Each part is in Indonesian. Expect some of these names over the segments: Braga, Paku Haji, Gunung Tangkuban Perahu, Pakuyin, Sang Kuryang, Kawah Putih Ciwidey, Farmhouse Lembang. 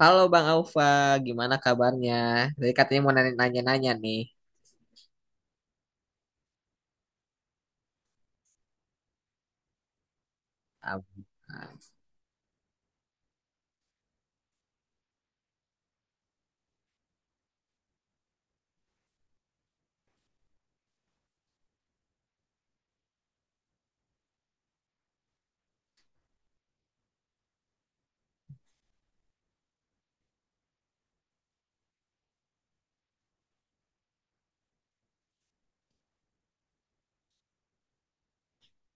Halo Bang Aufa, gimana kabarnya? Tadi katanya mau nanya-nanya nih. Am- am.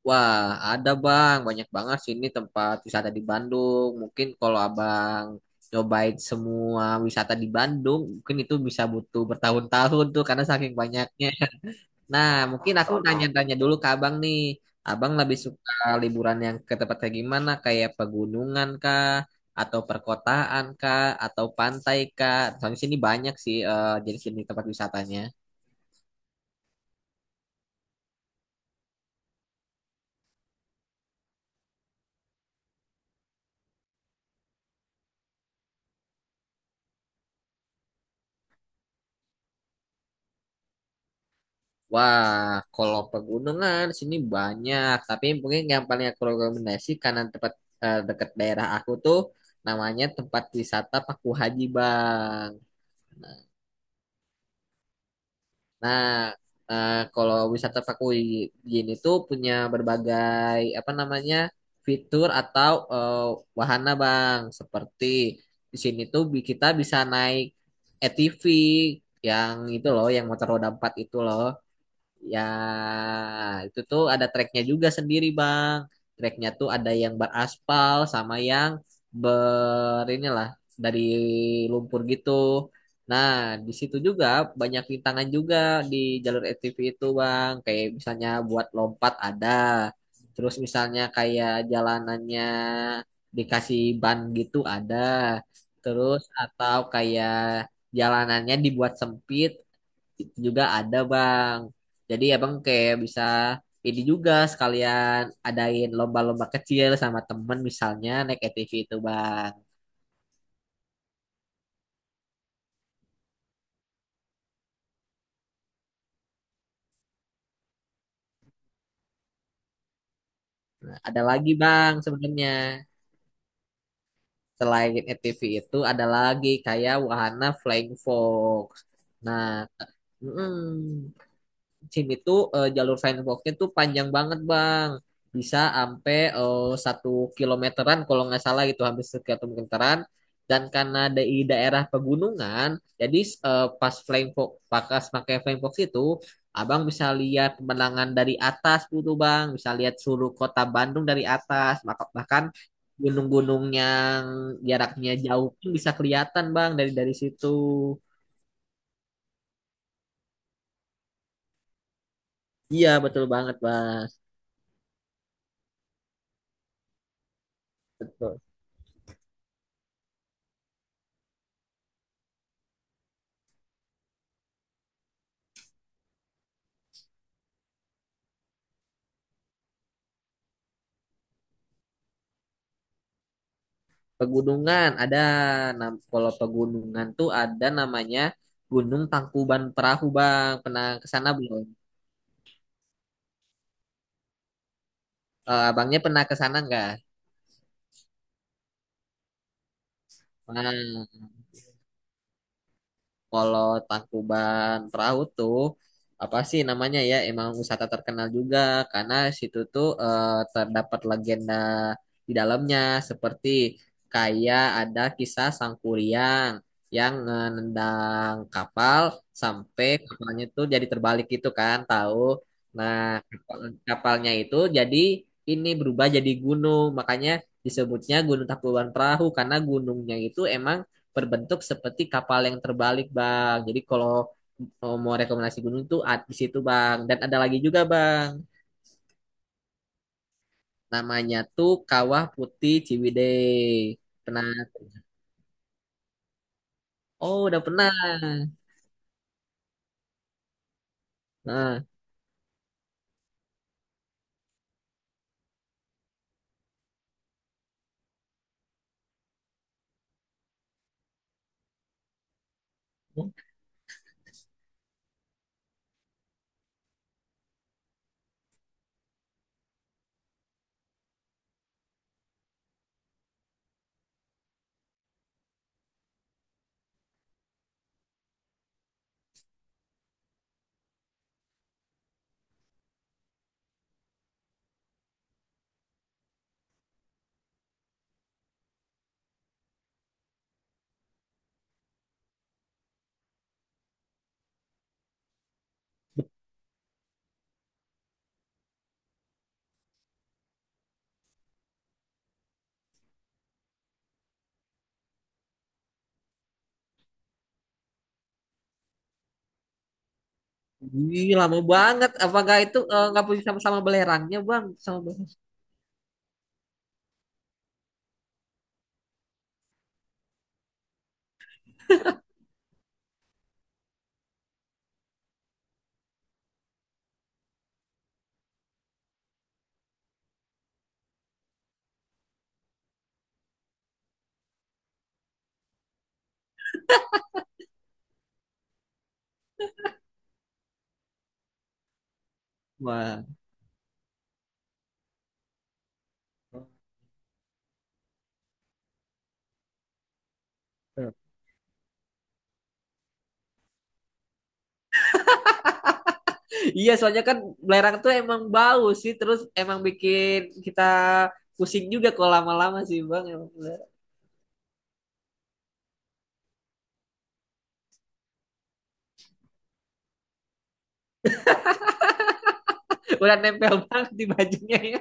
Wah, ada Bang, banyak banget sih ini tempat wisata di Bandung. Mungkin kalau Abang nyobain semua wisata di Bandung, mungkin itu bisa butuh bertahun-tahun tuh karena saking banyaknya. Nah, mungkin aku nanya-nanya dulu ke abang nih. Abang lebih suka liburan yang ke tempat kayak gimana? Kayak pegunungan kah? Atau perkotaan kah? Atau pantai kah? Soalnya sini banyak sih, jadi sini tempat wisatanya. Wah, kalau pegunungan sini banyak. Tapi mungkin yang paling aku rekomendasi karena tempat, dekat daerah aku tuh, namanya tempat wisata Paku Haji, Bang. Nah, kalau wisata Pakuyin itu punya berbagai apa namanya, fitur atau wahana Bang. Seperti di sini tuh kita bisa naik ATV, yang itu loh, yang motor roda empat itu loh. Ya, itu tuh ada treknya juga sendiri, Bang. Treknya tuh ada yang beraspal sama yang inilah, dari lumpur gitu. Nah, di situ juga banyak rintangan juga di jalur ATV itu, Bang. Kayak misalnya buat lompat ada. Terus misalnya kayak jalanannya dikasih ban gitu ada. Terus atau kayak jalanannya dibuat sempit itu juga ada bang, jadi abang kayak bisa ini juga sekalian adain lomba-lomba kecil sama temen misalnya naik ATV itu bang. Ada lagi bang sebenarnya, selain ATV itu ada lagi kayak wahana flying fox. Nah, mm SIM itu, jalur Firefoxnya tuh panjang banget Bang. Bisa sampai, satu kilometeran kalau nggak salah, itu hampir satu kilometeran. Dan karena di daerah pegunungan, jadi pas flame fox, pakai flame fox itu, abang bisa lihat pemandangan dari atas gitu bang, bisa lihat seluruh kota Bandung dari atas, bahkan gunung-gunung yang jaraknya jauh pun bisa kelihatan bang, dari situ. Iya betul banget bang. Pegunungan ada Kalau pegunungan tuh ada namanya Gunung Tangkuban Perahu Bang. Pernah ke sana belum? Eh, abangnya pernah ke sana nggak? Pernah. Kalau Tangkuban Perahu tuh apa sih namanya ya? Emang wisata terkenal juga karena situ tuh, terdapat legenda di dalamnya, seperti kayak ada kisah Sang Kuryang yang menendang kapal sampai kapalnya tuh jadi terbalik gitu kan, tahu? Nah, kapalnya itu jadi ini berubah jadi gunung, makanya disebutnya Gunung Tangkuban Perahu karena gunungnya itu emang berbentuk seperti kapal yang terbalik, Bang. Jadi kalau oh, mau rekomendasi gunung tuh di situ, Bang. Dan ada lagi juga, Bang. Namanya tuh Kawah Putih Ciwidey. Pernah? Oh, udah pernah. Nah, ih, lama banget. Apakah itu, nggak punya sama-sama belerangnya, Bang? Sama belerang. Wah. Iya, soalnya kan belerang tuh emang bau sih, terus emang bikin kita pusing juga kalau lama-lama sih, Bang. Emang belerang. Udah nempel banget di bajunya ya.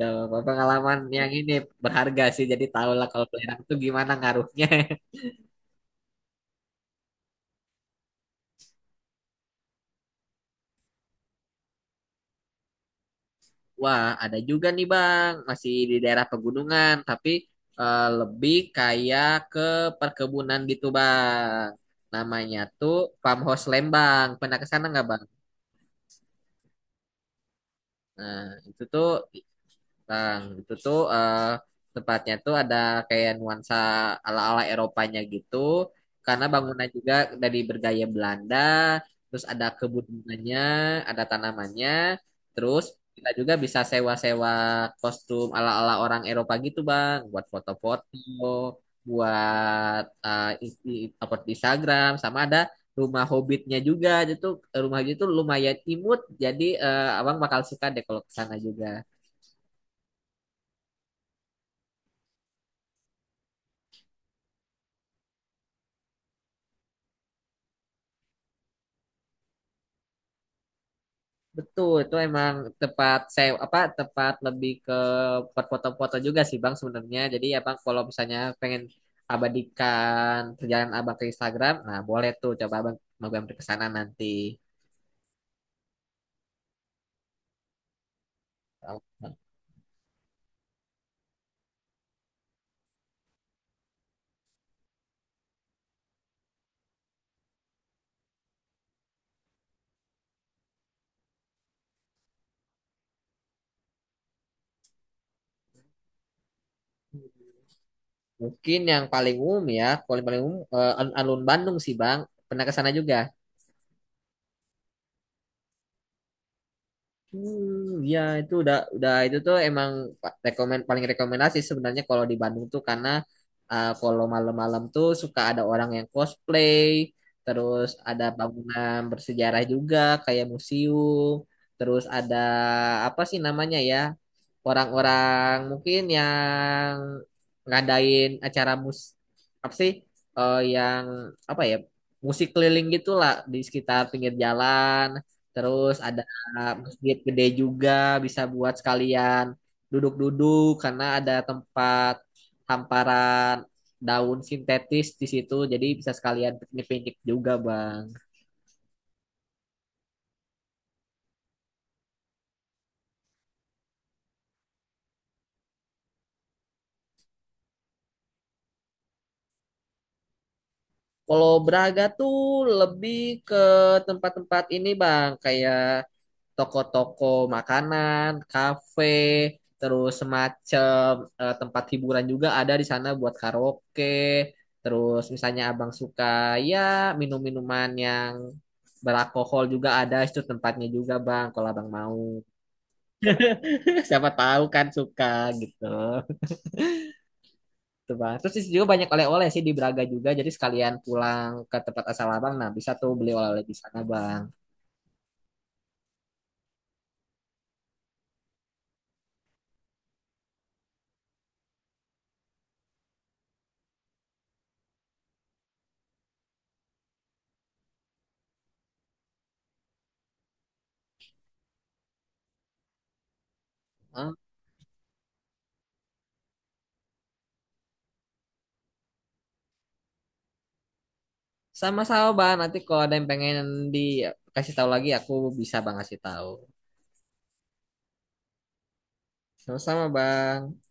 Ya, pengalaman yang ini berharga sih. Jadi tahulah kalau belerang tuh gimana ngaruhnya. Wah, ada juga nih Bang, masih di daerah pegunungan, tapi, lebih kayak ke perkebunan gitu Bang. Namanya tuh Farmhouse Lembang. Pernah ke sana nggak Bang? Nah, itu tuh Bang, tempatnya tuh ada kayak nuansa ala-ala Eropanya gitu, karena bangunan juga dari bergaya Belanda, terus ada kebudananya, ada tanamannya, terus kita juga bisa sewa-sewa kostum ala-ala orang Eropa gitu, Bang, buat foto-foto, buat upload di Instagram, sama ada rumah hobbitnya juga, itu rumah itu lumayan imut, jadi abang bakal suka deh kalau ke sana juga. Betul, itu emang tepat saya apa tepat lebih ke buat foto-foto juga sih Bang sebenarnya. Jadi ya Bang, kalau misalnya pengen abadikan perjalanan Abang ke Instagram, nah boleh tuh coba Abang mampir ke sana nanti. Mungkin yang paling umum ya, paling paling umum, alun-alun Bandung sih Bang. Pernah ke sana juga? Ya itu udah, itu tuh emang pa- rekomen paling rekomendasi sebenarnya kalau di Bandung tuh, karena kalau malam-malam tuh suka ada orang yang cosplay, terus ada bangunan bersejarah juga kayak museum, terus ada apa sih namanya ya? Orang-orang mungkin yang ngadain acara apa sih, yang apa ya, musik keliling gitulah di sekitar pinggir jalan. Terus ada masjid gede juga, bisa buat sekalian duduk-duduk karena ada tempat hamparan daun sintetis di situ, jadi bisa sekalian piknik-piknik juga bang. Kalau Braga tuh lebih ke tempat-tempat ini bang, kayak toko-toko makanan, kafe, terus semacam, tempat hiburan juga ada di sana buat karaoke. Terus misalnya abang suka ya, minum-minuman yang beralkohol juga ada itu tempatnya juga bang kalau abang mau, siapa tahu kan suka gitu. Tuh, bang, terus di situ juga banyak oleh-oleh sih di Braga juga, jadi sekalian pulang ke tempat asal abang, nah bisa tuh beli oleh-oleh di sana bang. Ah. Sama-sama, Bang. Nanti kalau ada yang pengen dikasih tahu lagi, aku bisa Bang kasih tahu. Sama-sama, Bang.